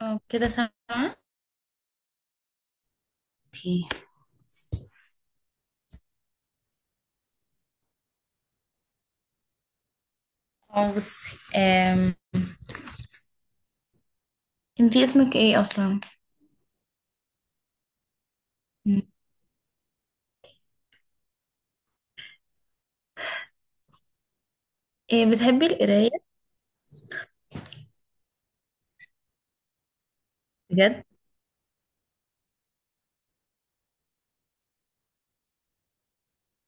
اه، كده سامعة. اوكي. اه، بصي، انتي اسمك ايه اصلا؟ مم. إيه، بتحبي القراية؟ بجد؟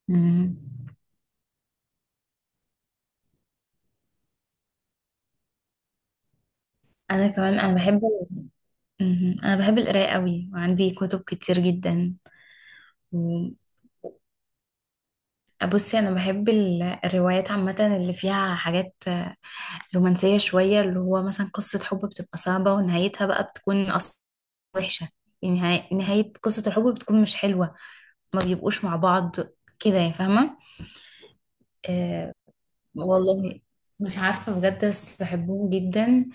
مم. انا كمان، انا بحب. مم. انا بحب القراية قوي وعندي كتب كتير جدا. و- بصي، انا بحب الروايات عامة اللي فيها حاجات رومانسية شوية، اللي هو مثلا قصة حب بتبقى صعبة ونهايتها بقى بتكون اصلا وحشة. يعني نهاية قصة الحب بتكون مش حلوة، ما بيبقوش مع بعض، كده يا فاهمة؟ آه، والله مش عارفة بجد، بس بحبهم جدا.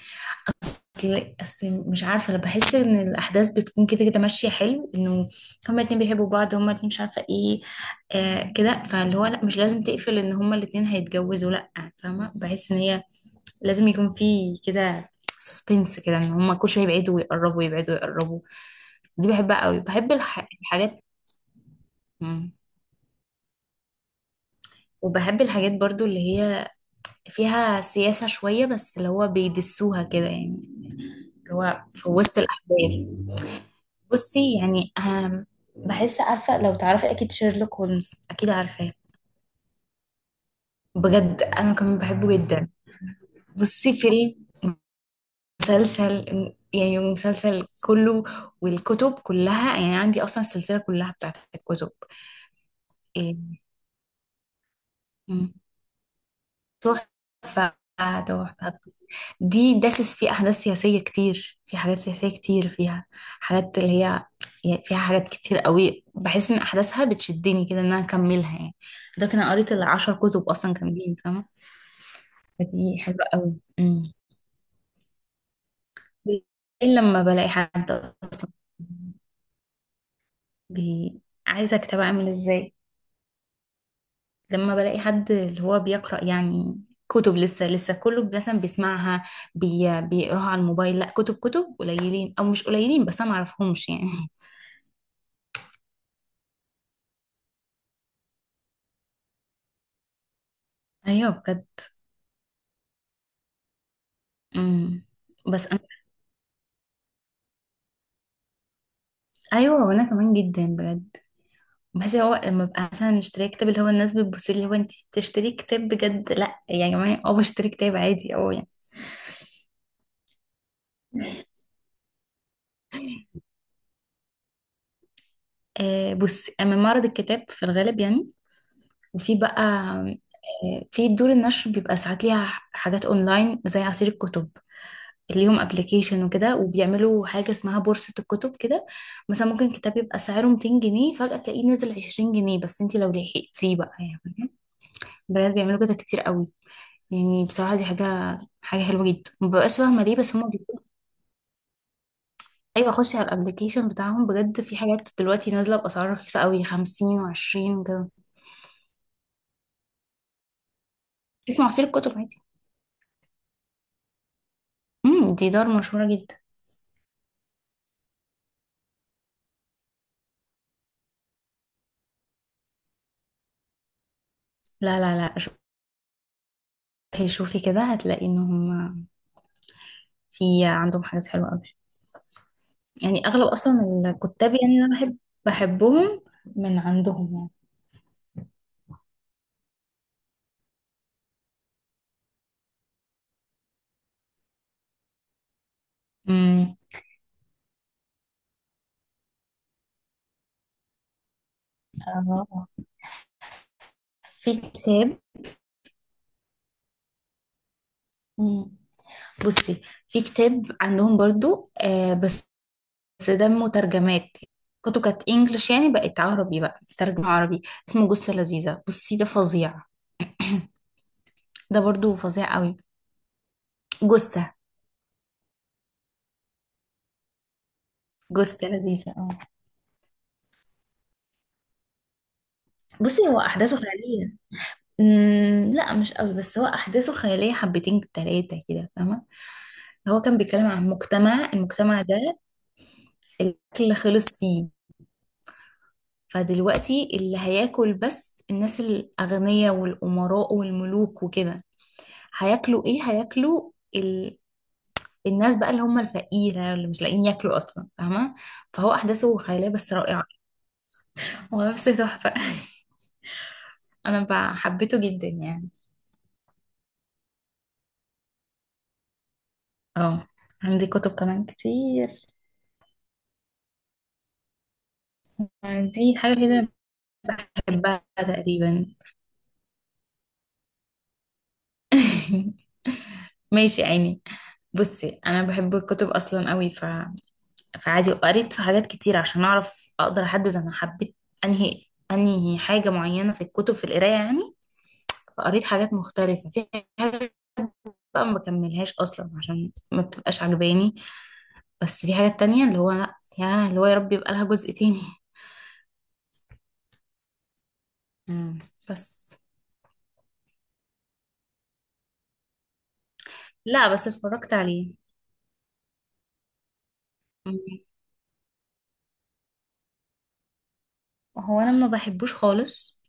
أصل مش عارفة، أنا بحس إن الأحداث بتكون كده كده ماشية حلو، إنه هما الاتنين بيحبوا بعض، هما الاتنين مش عارفة إيه، آه كده. فاللي هو لأ، مش لازم تقفل إن هما الاتنين هيتجوزوا، لأ، فاهمة؟ بحس إن هي لازم يكون في كده سسبنس كده، إن هما كل شوية يبعدوا ويقربوا، يبعدوا ويقربوا. دي بحبها قوي. بحب الحاجات. مم. وبحب الحاجات برضو اللي هي فيها سياسة شوية، بس اللي هو بيدسوها كده يعني، اللي هو في وسط الأحداث. بصي يعني أهم، بحس، عارفة لو تعرفي أكيد شيرلوك هولمز، أكيد عارفاه. بجد أنا كمان بحبه جدا. بصي، فيلم، مسلسل، يعني مسلسل كله، والكتب كلها. يعني عندي أصلا السلسلة كلها بتاعت الكتب. إيه. تحفة، تحفة. دي داسس فيه أحداث سياسية كتير، في حاجات سياسية كتير فيها، حاجات اللي هي، يعني فيها حاجات كتير قوي. بحس إن أحداثها بتشدني كده إن أنا أكملها يعني. ده كان قريت العشر كتب أصلا كاملين، فاهمة. فدي حلوة قوي. أمم. إلا لما بلاقي حد أصلا، بي... عايزة أكتب أعمل إزاي لما بلاقي حد اللي هو بيقرأ يعني. كتب، لسه لسه كله مثلا بيسمعها، بيقراها على الموبايل، لا كتب. كتب قليلين او مش قليلين، بس انا معرفهمش يعني. ايوه بجد. امم. بس انا، ايوه، وانا كمان جدا بجد. بس هو لما ببقى مثلا مشتريه كتاب، اللي هو الناس بتبص لي اللي هو انت بتشتري كتاب بجد؟ لا يا جماعه، اه بشتري كتاب عادي، اه يعني. بص، اما معرض الكتاب في الغالب يعني، وفي بقى في دور النشر بيبقى ساعات ليها حاجات اونلاين، زي عصير الكتب. ليهم ابلكيشن وكده، وبيعملوا حاجة اسمها بورصة الكتب كده. مثلا ممكن كتاب يبقى سعره 200 جنيه فجأة تلاقيه نازل 20 جنيه، بس انت لو لحقتيه بقى يعني. بجد بيعملوا كده كتير قوي. يعني بصراحة دي حاجة حلوة جدا. مببقاش فاهمة ليه، بس هما بيكونوا، أيوة، أخش على الأبليكيشن بتاعهم بجد في حاجات دلوقتي نازلة بأسعار رخيصة قوي، خمسين وعشرين وكده. اسمه عصير الكتب عادي. امم، دي دار مشهورة جدا. لا، لا، لا، شوفي شوفي كده هتلاقي إن هما في عندهم حاجات حلوة قوي. يعني اغلب اصلا الكتاب يعني انا بحب، بحبهم، من عندهم يعني. امم. اه في كتاب. مم. بصي، في كتاب عندهم برضو بس، بس ده مترجمات، كتب كانت انجلش يعني بقت عربي، بقى ترجمة عربي. اسمه جثة لذيذة، بصي ده فظيع. ده برضو فظيع قوي. جثة، جثة لذيذة، اه. بصي، هو احداثه خيالية. امم، لا مش قوي، بس هو احداثه خيالية حبتين تلاتة كده، فاهمة. هو كان بيتكلم عن مجتمع، المجتمع ده الاكل خلص فيه. فدلوقتي اللي هياكل بس الناس الاغنياء والامراء والملوك وكده. هياكلوا ايه؟ هياكلوا الناس بقى اللي هم الفقيرة اللي مش لاقيين ياكلوا اصلا، فاهمة. فهو احداثه خيالية بس رائعة، ونفس تحفة. انا بقى حبيته جدا يعني. اه، عندي كتب كمان كتير. دي حاجة كده بحبها تقريبا. ماشي يا عيني. بصي انا بحب الكتب اصلا قوي، فعادي وقريت في حاجات كتير عشان اعرف اقدر احدد انا حبيت انهي انهي حاجه معينه في الكتب، في القرايه يعني. فقريت حاجات مختلفه في حاجات بقى ما بكملهاش اصلا عشان ما بتبقاش عجباني. بس في حاجات تانية اللي هو لا، يا اللي هو يا رب يبقى لها جزء تاني. امم، بس، لا بس اتفرجت عليه. مم. هو انا ما بحبوش خالص،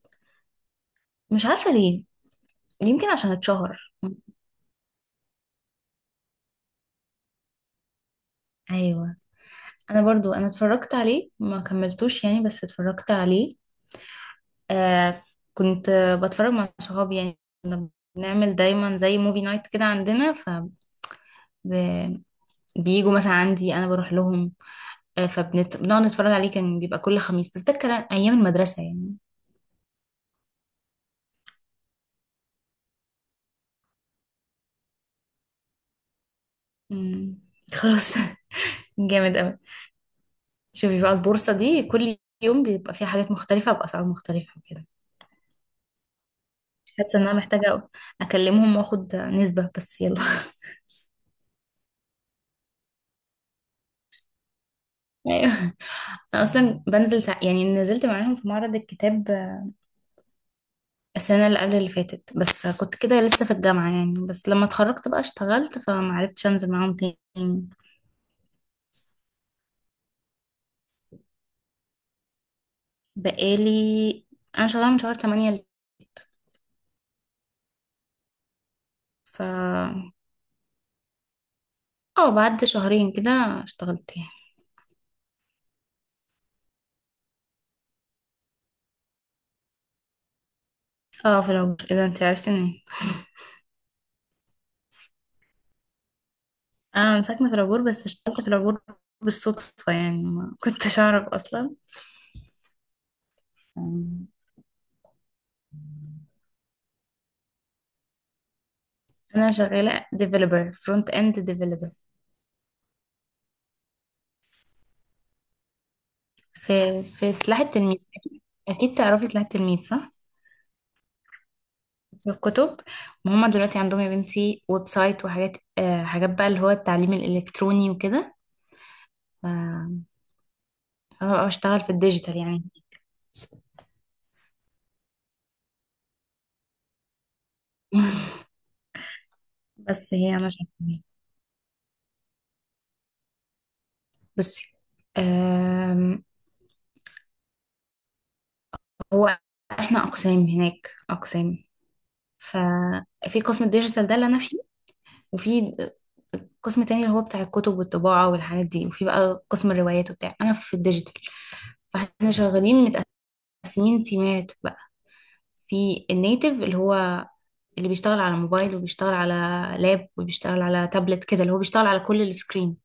مش عارفه ليه، يمكن عشان اتشهر. مم. ايوه، انا برضو انا اتفرجت عليه ما كملتوش يعني، بس اتفرجت عليه. آه كنت بتفرج مع صحابي يعني، نعمل دايما زي موفي نايت كده عندنا. فبييجوا، مثلا عندي، انا بروح لهم، فبنقعد نتفرج عليه. كان بيبقى كل خميس، بس ده كان ايام المدرسة يعني. مم. خلاص. جامد قوي. شوفي بقى البورصة دي كل يوم بيبقى فيها حاجات مختلفة بأسعار مختلفة وكده. حاسة ان انا محتاجة اكلمهم واخد نسبة، بس يلا. ايوه، انا اصلا بنزل يعني نزلت معاهم في معرض الكتاب السنة اللي قبل اللي فاتت، بس كنت كده لسه في الجامعة يعني. بس لما اتخرجت بقى اشتغلت، فمعرفتش انزل معاهم تاني. بقالي، انا شغالة من شهر تمانية اللي فات. ف، اه، بعد شهرين كده اشتغلت يعني. اه، في العبور كده انت عرفتني. انا ساكنة في العبور بس اشتغلت في العبور بالصدفة يعني، ما كنتش اعرف اصلا. انا شغالة ديفلوبر، فرونت اند ديفلوبر في في سلاح التلميذ، اكيد أكيد تعرفي سلاح التلميذ، صح؟ الكتب. هما دلوقتي عندهم يا بنتي ويب سايت وحاجات، حاجات بقى اللي هو التعليم الإلكتروني وكده. ف أنا بشتغل في الديجيتال يعني. بس هي أنا شايفة إيه. بصي، آم، هو احنا أقسام، هناك أقسام. ففي قسم الديجيتال ده اللي أنا فيه، وفي قسم تاني اللي هو بتاع الكتب والطباعة والحاجات دي، وفي بقى قسم الروايات وبتاع. أنا في الديجيتال. فاحنا شغالين متقسمين تيمات بقى. في النيتف اللي هو، اللي بيشتغل على موبايل وبيشتغل على لاب وبيشتغل على تابلت كده، اللي هو بيشتغل على كل السكرين.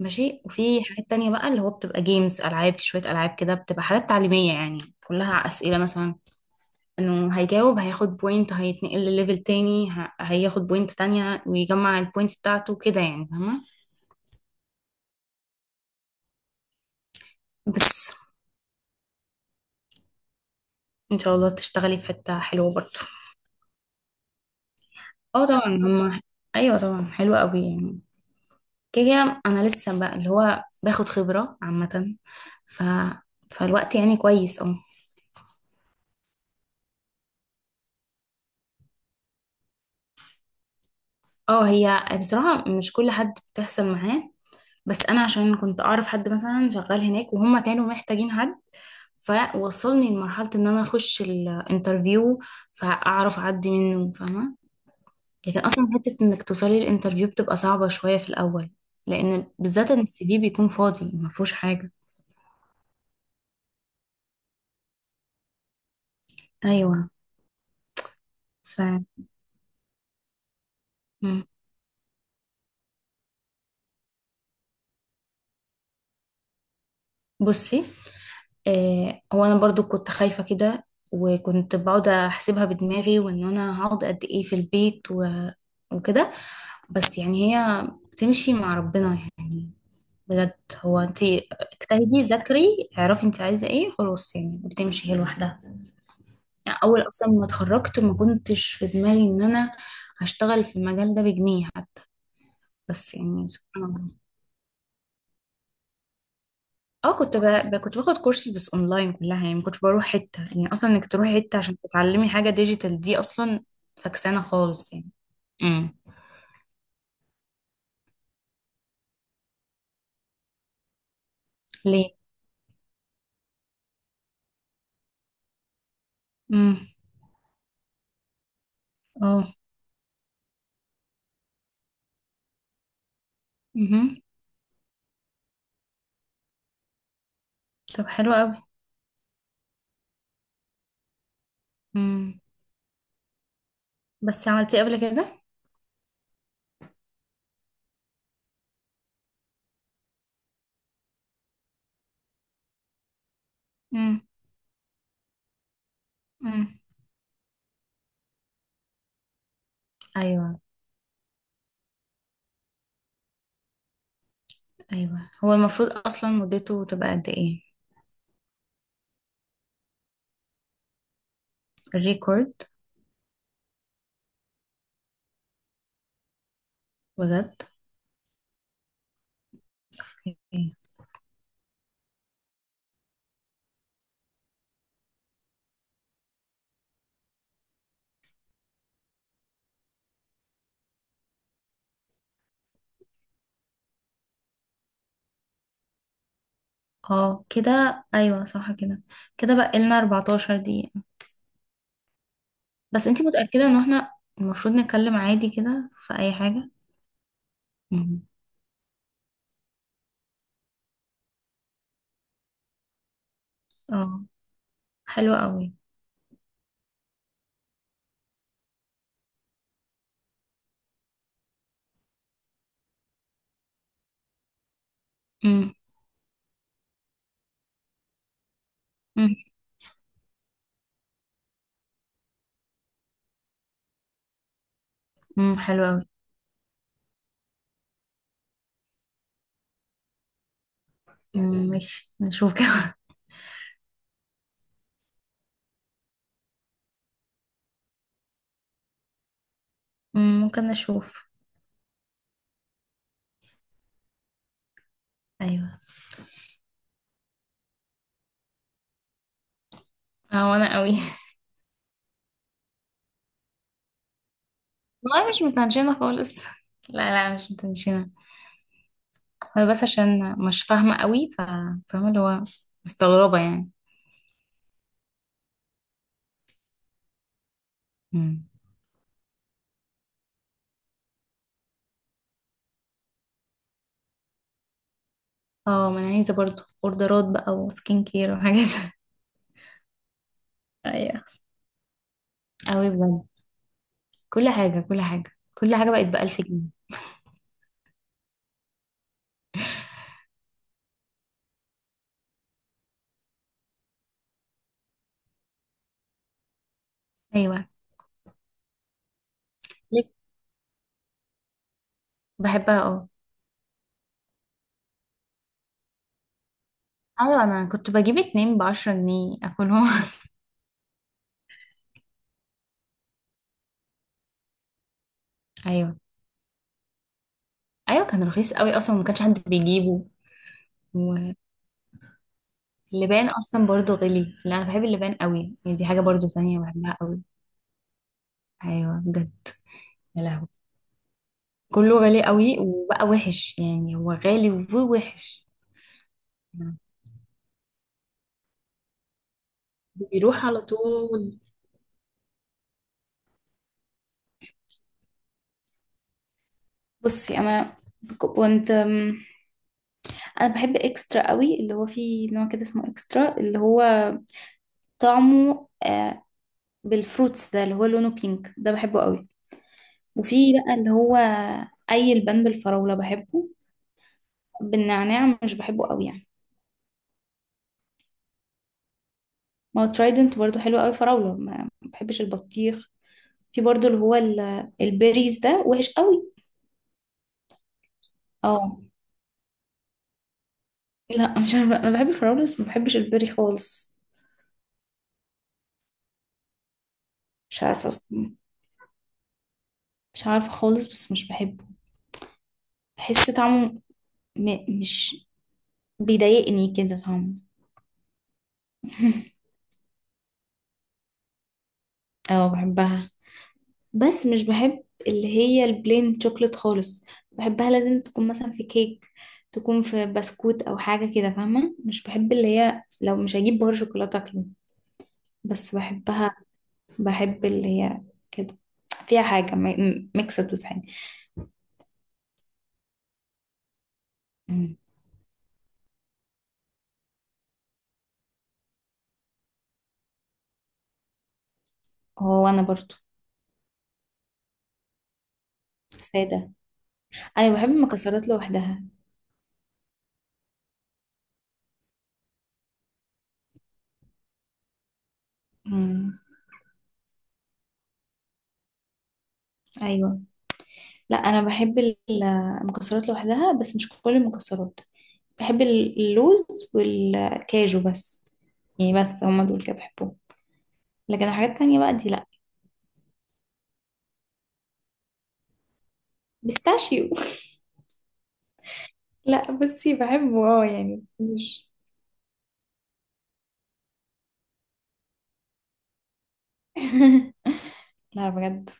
ماشي. وفي حاجات تانية بقى اللي هو بتبقى جيمز، ألعاب، شوية ألعاب كده بتبقى حاجات تعليمية يعني. كلها أسئلة مثلا، إنه هيجاوب هياخد بوينت، هيتنقل لليفل تاني، هياخد بوينت تانية، ويجمع البوينتس بتاعته كده، يعني فاهمة. بس إن شاء الله تشتغلي في حتة حلوة برضه. اه طبعا هما، أيوة طبعا حلوة أوي يعني. كده كده انا لسه بقى اللي هو باخد خبرة عامة، ف... فالوقت يعني كويس. اه، اه، هي بصراحة مش كل حد بتحصل معاه، بس انا عشان كنت اعرف حد مثلا شغال هناك وهم كانوا محتاجين حد، فوصلني لمرحلة ان انا اخش الانترفيو، فاعرف اعدي منه، فاهمة. لكن اصلا حتة انك توصلي الانترفيو بتبقى صعبة شوية في الاول، لان بالذات ان السي في بيكون فاضي ما فيهوش حاجة. ايوه. ف، مم. بصي، هو انا برضو كنت خايفة كده. وكنت بقعد احسبها بدماغي، وان انا هقعد قد ايه في البيت، و... وكده. بس يعني هي بتمشي مع ربنا يعني، بجد. هو انت اجتهدي، ذاكري، اعرفي انت عايزة ايه، خلاص، يعني بتمشي هي لوحدها. يعني اول اصلا ما اتخرجت ما كنتش في دماغي ان انا هشتغل في المجال ده بجنيه حتى. بس يعني سبحان الله. اه، كنت باخد كورسز، بس اونلاين كلها يعني ما كنتش بروح حته. يعني اصلا انك تروحي حته عشان تتعلمي حاجه ديجيتال دي اصلا، فكسانه خالص يعني. امم. ليه؟ امم. اه. امم. طب حلو قوي. امم. بس عملتيه قبل كده. امم. امم. ايوه. ايوه، هو المفروض اصلا مدته تبقى قد ايه، الريكورد؟ بجد؟ أوكي. اه كده، ايوه صح كده. كده بقى لنا 14 دقيقه. بس انتي متاكده ان احنا المفروض نتكلم عادي كده في اي حاجه؟ مم. اه. حلو قوي. مم. مم. مم. حلو قوي. مم. ماشي نشوف كده. مم. ممكن نشوف. ايوه. اه وانا قوي. والله مش متنشنه خالص، لا لا مش متنشنه. انا بس عشان مش فاهمه قوي، ف، فاهمه اللي هو مستغربه يعني. مم. اه، ما انا عايزه برضو اوردرات بقى، وسكين كير وحاجات. ايوه، قوي بجد. كل حاجه بقت بألف جنيه. ايوه. ليه؟ بحبها، اه. ايوه، انا كنت بجيب اتنين بعشرة جنيه اكلهم. ايوه. ايوه كان رخيص قوي اصلا، وما كانش حد بيجيبه. واللبان اصلا برضو غلي. لا انا بحب اللبان قوي يعني، دي حاجه برضو ثانيه بحبها قوي. ايوه بجد. يا لهوي، كله غالي قوي وبقى وحش يعني، هو غالي ووحش. بيروح على طول. بصي انا كنت انا بحب اكسترا قوي. اللي هو فيه نوع كده اسمه اكسترا، اللي هو طعمه بالفروتس ده، اللي هو لونه بينك ده، بحبه قوي. وفي بقى اللي هو اي، البان بالفراولة بحبه، بالنعناع مش بحبه قوي يعني. ما هو ترايدنت برضو حلو قوي. فراولة، ما بحبش البطيخ. في برضو اللي هو البيريز ده وحش قوي. اه. لا مش عارفة، انا بحب الفراولة بس ما بحبش البيري خالص. مش عارفة اصلا، مش عارفة خالص، بس مش بحبه. بحس طعمه مش، بيضايقني كده طعمه. اه بحبها، بس مش بحب اللي هي البلين شوكليت خالص. بحبها لازم تكون مثلا في كيك، تكون في بسكوت او حاجه كده، فاهمه؟ مش بحب اللي هي، لو مش هجيب بار شوكولاته اكله، بس بحبها. بحب اللي هي كده فيها حاجه ميكسد، بس حاجه. مم. هو انا برضو ساده. ايوه بحب المكسرات لوحدها. مم. ايوه. لا انا بحب المكسرات لوحدها، بس مش كل المكسرات. بحب اللوز والكاجو بس. يعني بس هما دول كده بحبهم، لكن الحاجات التانية بقى دي لا. بيستاشيو. لا بصي بحبه اه يعني مش، لا بجد.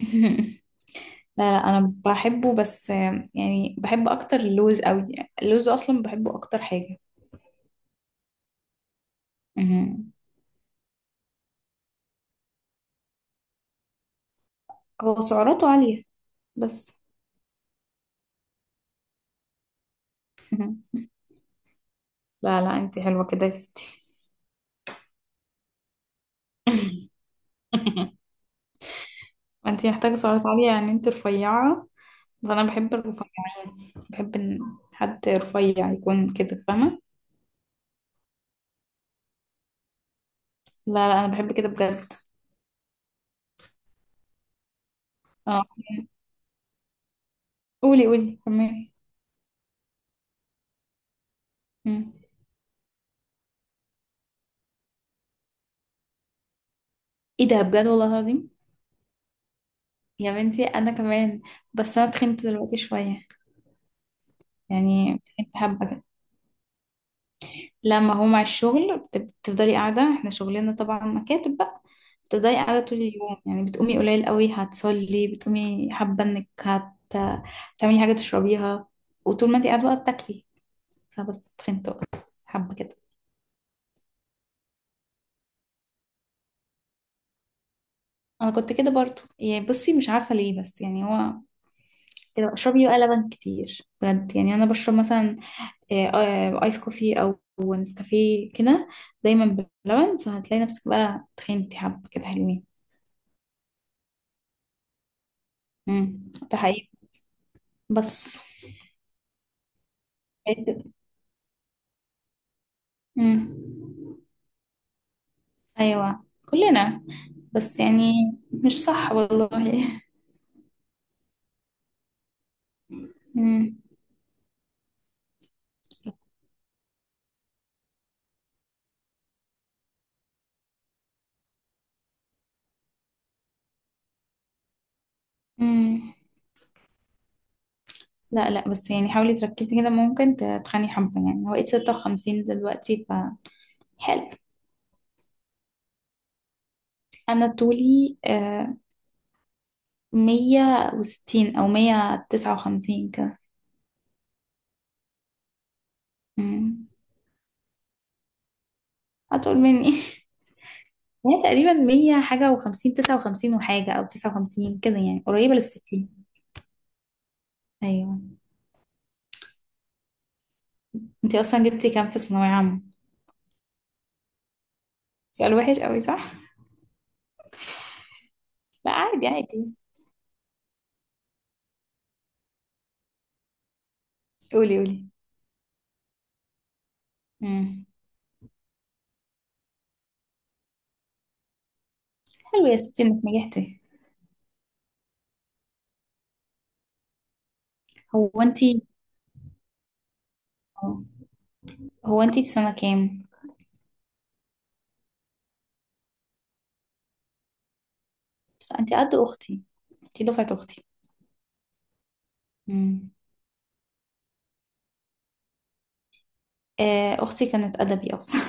لا لا انا بحبه، بس يعني بحب اكتر اللوز قوي. اللوز اصلا بحبه اكتر حاجة. مهم. هو سعراته عالية بس. لا لا، انتي حلوة كده يا ستي. ما انتي محتاجة سعرات عالية يعني، انتي رفيعة. فأنا بحب الرفيعين، بحب إن حد رفيع يكون كده، فاهمة. لا لا أنا بحب كده بجد. أنا أصلا، قولي قولي كملي. مم. ايه ده بجد والله العظيم. يا بنتي أنا كمان. بس أنا تخنت دلوقتي شوية. يعني تخنت حبة كده. لما هو مع الشغل بتفضلي قاعدة، احنا شغلنا طبعا مكاتب بقى. بتفضلي قاعدة طول اليوم، يعني بتقومي قليل قوي، هتصلي بتقومي حابة انك هتعملي حاجة تشربيها. وطول ما انت قاعدة بقى بتاكلي. فبس تخنت بقى. حابة كده. انا كنت كده برضو، يعني بصي مش عارفة ليه، بس يعني هو. كده اشربي بقى لبن كتير بجد، يعني انا بشرب مثلا ايس كوفي او نسكافيه كده دايما بلبن. فهتلاقي نفسك بقى تخنتي حبة كده حلوين. ده حقيقي. بس. امم. ايوه، كلنا. بس يعني مش صح والله. امم. امم. لا لا، بس يعني حاولي تركزي كده، ممكن تتخني حبة، يعني هو بقيت 56 دلوقتي ف... حلو. أنا طولي 160 أو 159 كده. أمم. أطول مني. هي تقريبا مية حاجة وخمسين تسعة وخمسين وحاجة أو تسعة وخمسين كده، يعني قريبة للستين. أيوة. أنتي أصلا جبتي كام في ثانوية عامة؟ سؤال وحش قوي، صح؟ لا، عادي عادي. قولي قولي. امم. حلو يا ستي انك نجحتي. هو انتي هو انتي في سنة كام؟ انتي قد اختي. انتي دفعة اختي. امم. اختي كانت ادبي اصلا.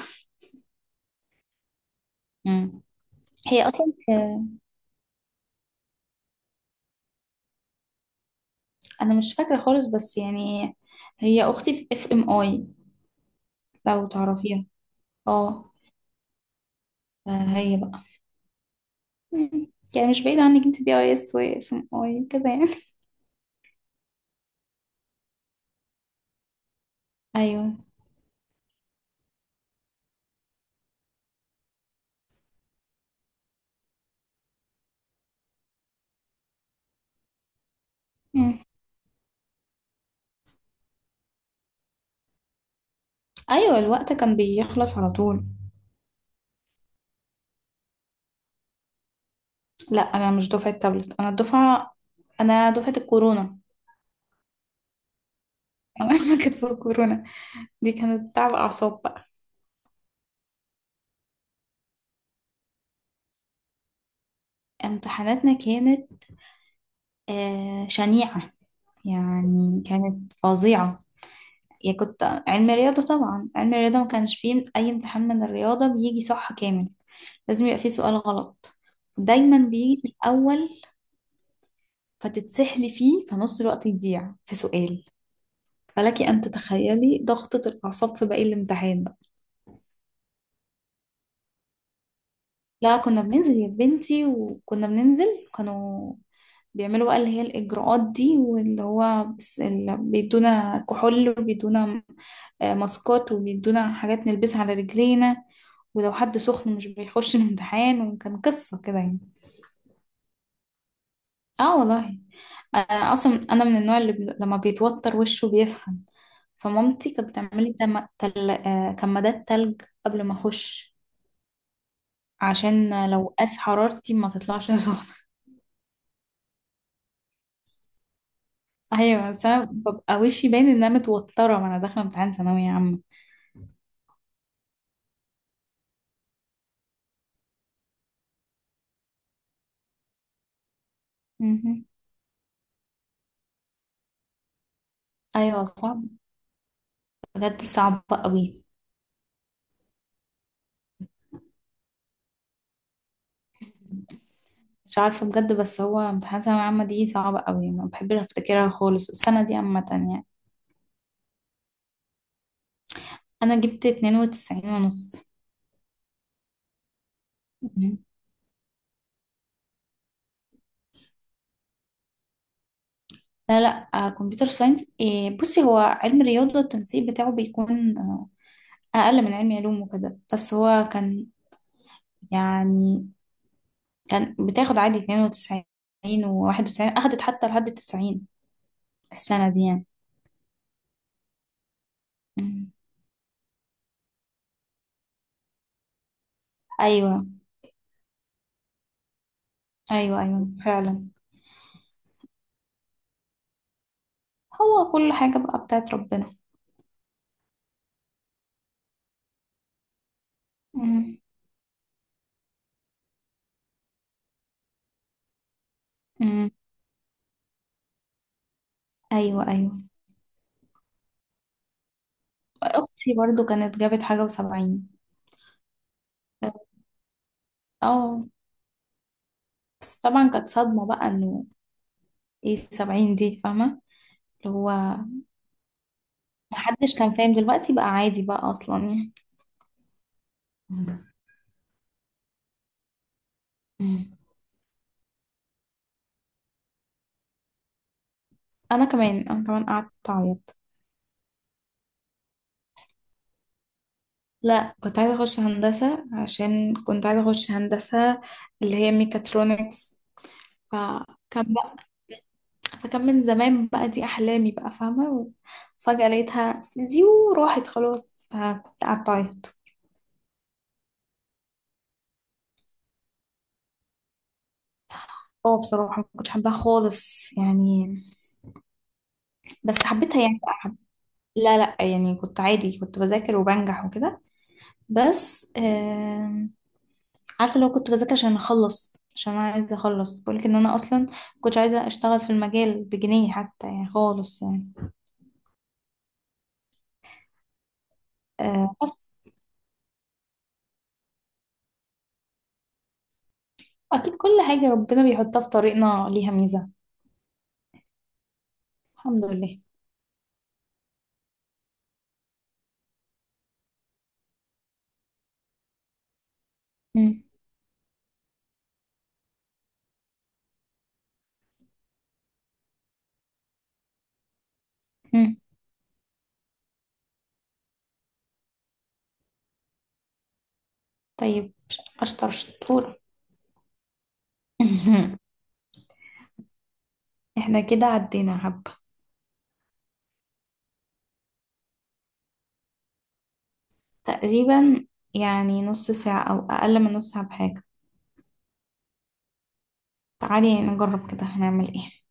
امم. هي اصلا انا مش فاكرة خالص، بس يعني هي اختي في اف ام اي، لو تعرفيها. اه. هي بقى. مم. يعني مش بعيد عنك، انت بي اي اس واف ام اي كده يعني. ايوه. مم. ايوه، الوقت كان بيخلص على طول. لا، انا مش دفعه تابلت، انا الدفعه. انا دفعه الكورونا. انا كانت في الكورونا. دي كانت تعب اعصاب بقى. امتحاناتنا كانت شنيعه. يعني كانت فظيعه. يا كنت علم رياضه، طبعا علم الرياضه ما كانش فيه اي امتحان من الرياضه بيجي صح كامل. لازم يبقى فيه سؤال غلط، دايما بيجي في الاول. فتتسحلي فيه، فنص الوقت يضيع في سؤال. فلك ان تتخيلي ضغطه الاعصاب في باقي الامتحان. لا، كنا بننزل يا بنتي، وكنا بننزل. كانوا بيعملوا بقى اللي هي الإجراءات دي، واللي هو بس اللي بيدونا كحول، وبيدونا ماسكات، وبيدونا حاجات نلبسها على رجلينا. ولو حد سخن مش بيخش الامتحان، وكان قصة كده يعني. اه والله. أنا أصلا أنا من النوع اللي لما بيتوتر وشه بيسخن. فمامتي كانت بتعملي تم- تل... آه، كمادات تلج قبل ما أخش، عشان لو قاس حرارتي ما تطلعش. ايوه بس انا ببقى وشي باين ان انا متوتره، وانا داخله امتحان ثانويه عامه. مهم. ايوه، صعب. بجد صعب قوي. مش عارفه بجد، بس هو امتحان ثانويه عامه دي صعبه قوي، ما بحبش افتكرها خالص السنه دي عامه يعني. انا جبت 92 ونص. مهم. لا لا، كمبيوتر ساينس إيه، بصي هو علم رياضه التنسيق بتاعه بيكون اقل من علم علوم وكده، بس هو كان، يعني كان بتاخد عادي 92 و91، اخدت حتى لحد 90 السنه دي يعني. مم. ايوه ايوه. ايوه فعلا. هو كل حاجه بقى بتاعت ربنا. مم. مم. ايوه ايوه. اختي برضو كانت جابت حاجه وسبعين. اه. آه، بس طبعا كانت صدمه بقى انه ايه السبعين دي، فاهمه، اللي هو محدش كان فاهم دلوقتي بقى عادي بقى اصلا يعني. مم. مم. انا كمان انا كمان قعدت اعيط. لا، كنت عايزه اخش هندسه، عشان كنت عايزه اخش هندسه اللي هي ميكاترونكس. فكان فكان من زمان بقى، دي أحلامي بقى، فاهمة. فجأة لقيتها زيو راحت خلاص، فكنت قعدت أعيط. اه بصراحة ما كنتش حباها خالص يعني. بس حبيتها يعني بقى لا لا يعني، كنت عادي، كنت بذاكر وبنجح وكده. بس عارفة لو كنت بذاكر عشان أخلص، عشان أنا عايزة أخلص، بقولك إن أنا أصلا كنت عايزة أشتغل في المجال بجنيه حتى يعني خالص يعني. بس، أكيد كل حاجة ربنا بيحطها في طريقنا ليها ميزة. الحمد لله. مم. طيب، أشطر شطورة. احنا كده عدينا حبة. تقريبا يعني نص ساعة أو أقل من نص ساعة بحاجة. تعالي نجرب كده، هنعمل ايه؟